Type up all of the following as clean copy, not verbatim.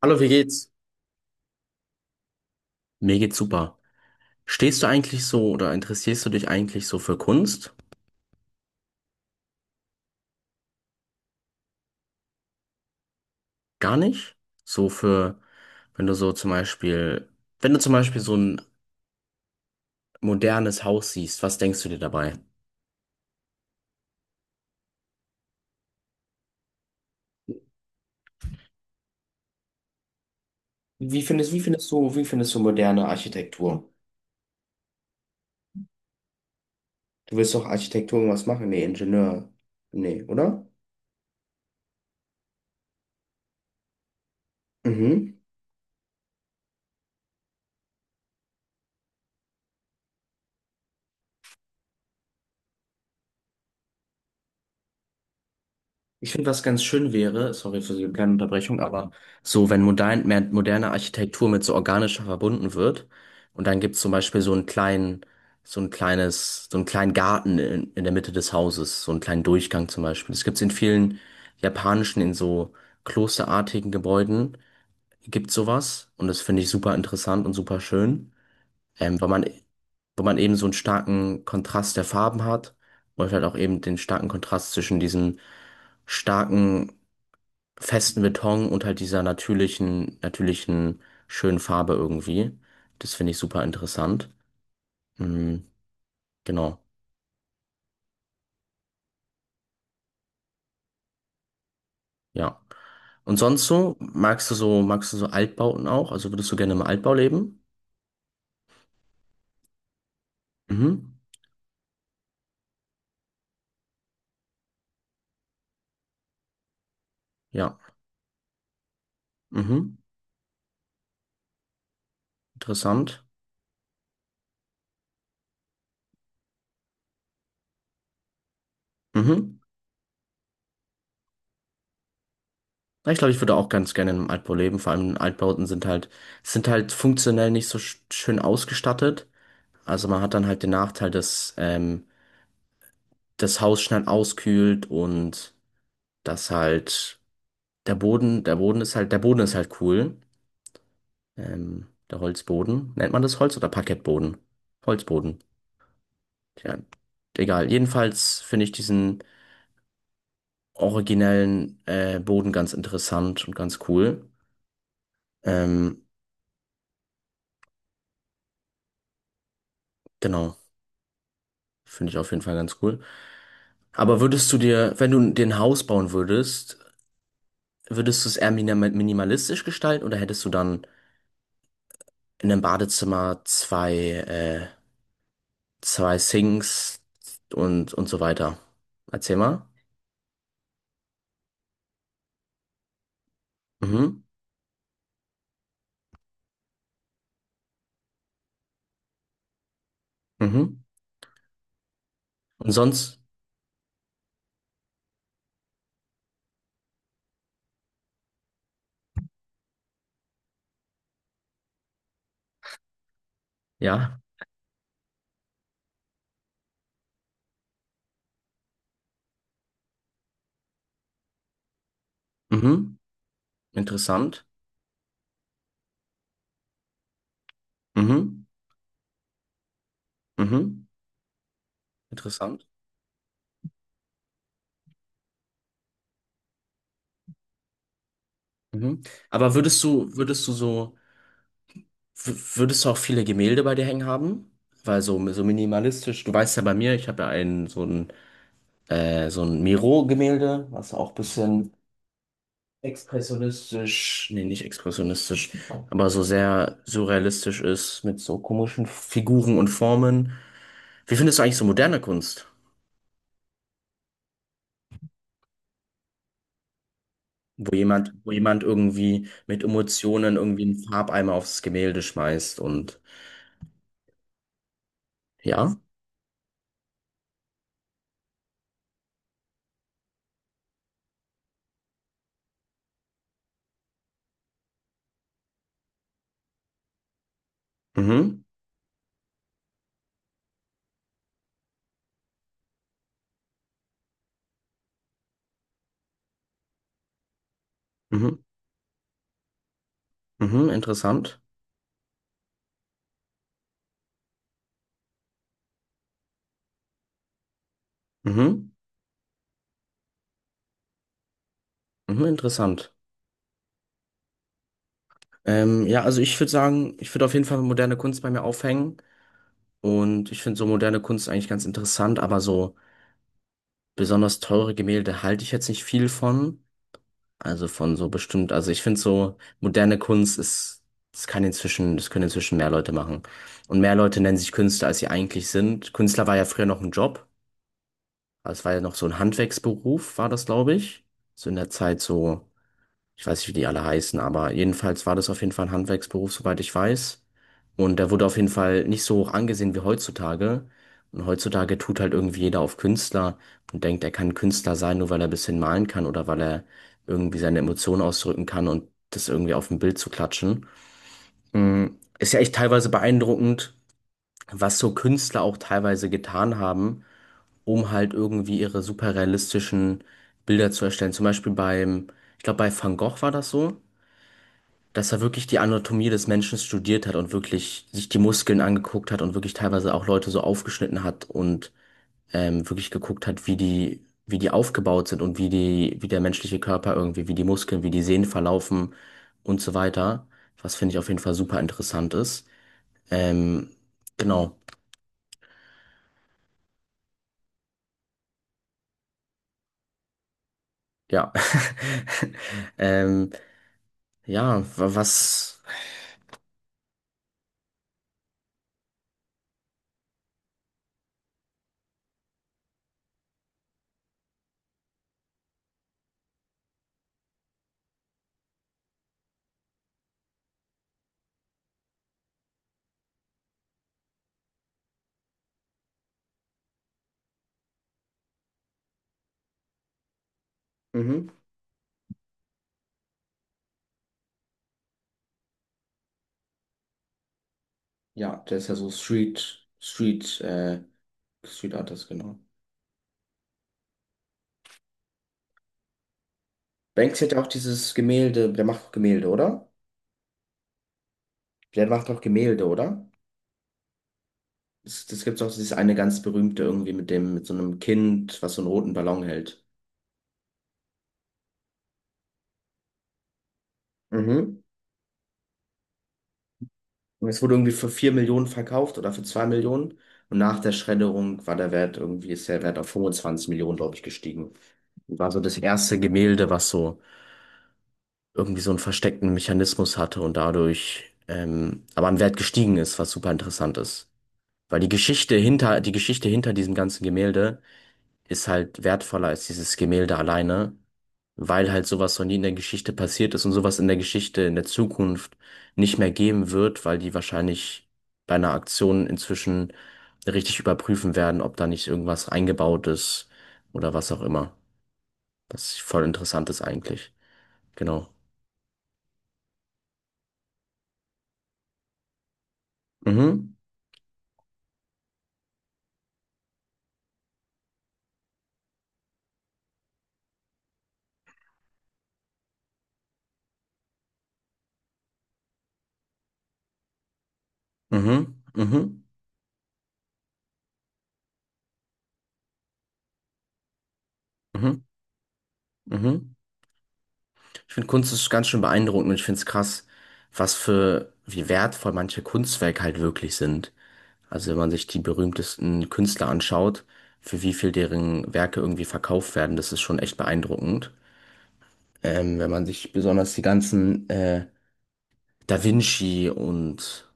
Hallo, wie geht's? Mir geht's super. Stehst du eigentlich so oder interessierst du dich eigentlich so für Kunst? Gar nicht? So für, wenn du so zum Beispiel, wenn du zum Beispiel so ein modernes Haus siehst, was denkst du dir dabei? Wie findest du moderne Architektur? Du willst doch Architektur was machen? Nee, Ingenieur. Nee, oder? Mhm. Ich finde, was ganz schön wäre, sorry für die kleine Unterbrechung, aber so, wenn moderne Architektur mit so organischer verbunden wird und dann gibt es zum Beispiel so einen kleinen Garten in der Mitte des Hauses, so einen kleinen Durchgang zum Beispiel. Das gibt es in vielen japanischen, in so klosterartigen Gebäuden, gibt sowas und das finde ich super interessant und super schön, ähm, weil man, weil man eben so einen starken Kontrast der Farben hat und vielleicht auch eben den starken Kontrast zwischen diesen starken festen Beton und halt dieser natürlichen, natürlichen, schönen Farbe irgendwie. Das finde ich super interessant. Mhm, genau, ja. Und sonst so, magst du so Altbauten auch? Also würdest du gerne im Altbau leben? Mhm, ja, mhm, interessant. Mhm. Ja, ich glaube, ich würde auch ganz gerne in einem Altbau leben. Vor allem Altbauten sind halt funktionell nicht so schön ausgestattet. Also man hat dann halt den Nachteil, dass das Haus schnell auskühlt und dass halt der Boden ist halt cool. Der Holzboden. Nennt man das Holz oder Parkettboden? Holzboden. Tja, egal. Jedenfalls finde ich diesen originellen Boden ganz interessant und ganz cool. Ähm, genau. Finde ich auf jeden Fall ganz cool. Aber würdest du dir, wenn du dir ein Haus bauen würdest, würdest du es eher minimalistisch gestalten oder hättest du dann in einem Badezimmer zwei Sinks und so weiter? Erzähl mal. Mhm. Mhm. Und sonst, ja, mhm. Interessant. Mhm. Mhm. Interessant. Mhm. Aber würdest du so, würdest du auch viele Gemälde bei dir hängen haben? Weil so, so minimalistisch, du weißt ja bei mir, ich habe ja so ein Miro-Gemälde, was auch ein bisschen expressionistisch, nee, nicht expressionistisch, aber so sehr surrealistisch ist mit so komischen Figuren und Formen. Wie findest du eigentlich so moderne Kunst? Wo jemand irgendwie mit Emotionen irgendwie einen Farbeimer aufs Gemälde schmeißt und ja, mhm, mhm, mhm, interessant, mhm, mhm, interessant. Ja, also ich würde sagen, ich würde auf jeden Fall moderne Kunst bei mir aufhängen und ich finde so moderne Kunst eigentlich ganz interessant, aber so besonders teure Gemälde halte ich jetzt nicht viel von. Also von so bestimmt, also ich finde so, moderne Kunst ist, das können inzwischen mehr Leute machen. Und mehr Leute nennen sich Künstler, als sie eigentlich sind. Künstler war ja früher noch ein Job, also es war ja noch so ein Handwerksberuf, war das, glaube ich. So in der Zeit so. Ich weiß nicht, wie die alle heißen, aber jedenfalls war das auf jeden Fall ein Handwerksberuf, soweit ich weiß. Und der wurde auf jeden Fall nicht so hoch angesehen wie heutzutage. Und heutzutage tut halt irgendwie jeder auf Künstler und denkt, er kann Künstler sein, nur weil er ein bisschen malen kann oder weil er irgendwie seine Emotionen ausdrücken kann und das irgendwie auf ein Bild zu klatschen. Mm, Ist ja echt teilweise beeindruckend, was so Künstler auch teilweise getan haben, um halt irgendwie ihre super realistischen Bilder zu erstellen. Zum Beispiel ich glaube, bei Van Gogh war das so, dass er wirklich die Anatomie des Menschen studiert hat und wirklich sich die Muskeln angeguckt hat und wirklich teilweise auch Leute so aufgeschnitten hat und wirklich geguckt hat, wie die aufgebaut sind und wie der menschliche Körper irgendwie, wie die Muskeln, wie die Sehnen verlaufen und so weiter. Was finde ich auf jeden Fall super interessant ist. Ähm, genau, ja. ähm, ja, was. Mhm. Ja, der ist ja so Street Artist, genau. Banksy hat ja auch dieses Gemälde, der macht auch Gemälde, oder? Der macht auch Gemälde, oder? Das, das gibt's auch dieses eine ganz berühmte irgendwie mit mit so einem Kind, was so einen roten Ballon hält. Mhm. Und es wurde irgendwie für 4 Millionen verkauft oder für 2 Millionen. Und nach der Schredderung war der Wert irgendwie, ist der Wert auf 25 Millionen, glaube ich, gestiegen. War so das erste Gemälde, was so irgendwie so einen versteckten Mechanismus hatte und dadurch aber an Wert gestiegen ist, was super interessant ist. Weil die die Geschichte hinter diesem ganzen Gemälde ist halt wertvoller als dieses Gemälde alleine, weil halt sowas noch nie in der Geschichte passiert ist und sowas in der Geschichte in der Zukunft nicht mehr geben wird, weil die wahrscheinlich bei einer Aktion inzwischen richtig überprüfen werden, ob da nicht irgendwas eingebaut ist oder was auch immer. Das ist voll interessant ist eigentlich. Genau. Mhm, mhm, mhm, mhm, mhm. Ich finde Kunst ist ganz schön beeindruckend und ich finde es krass, was für, wie wertvoll manche Kunstwerke halt wirklich sind. Also wenn man sich die berühmtesten Künstler anschaut, für wie viel deren Werke irgendwie verkauft werden, das ist schon echt beeindruckend. Wenn man sich besonders die ganzen Da Vinci und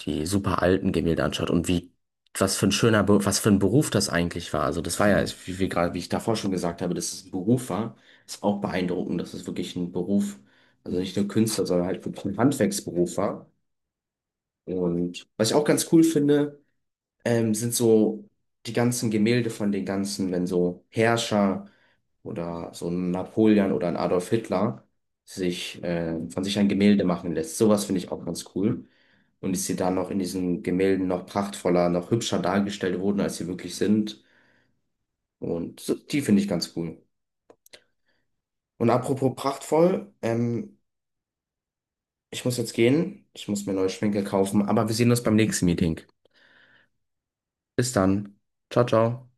die super alten Gemälde anschaut und wie was für ein Beruf das eigentlich war. Also das war ja, wie wir gerade, wie ich davor schon gesagt habe, dass es ein Beruf war, ist auch beeindruckend, dass es wirklich ein Beruf, also nicht nur Künstler, sondern halt wirklich ein Handwerksberuf war. Und was ich auch ganz cool finde, sind so die ganzen Gemälde von den ganzen, wenn so Herrscher oder so ein Napoleon oder ein Adolf Hitler sich von sich ein Gemälde machen lässt. Sowas finde ich auch ganz cool. Und ich sie da noch in diesen Gemälden noch prachtvoller, noch hübscher dargestellt wurden, als sie wirklich sind. Und so, die finde ich ganz cool. Und apropos prachtvoll, ich muss jetzt gehen. Ich muss mir neue Schminke kaufen, aber wir sehen uns beim nächsten Meeting. Bis dann. Ciao, ciao.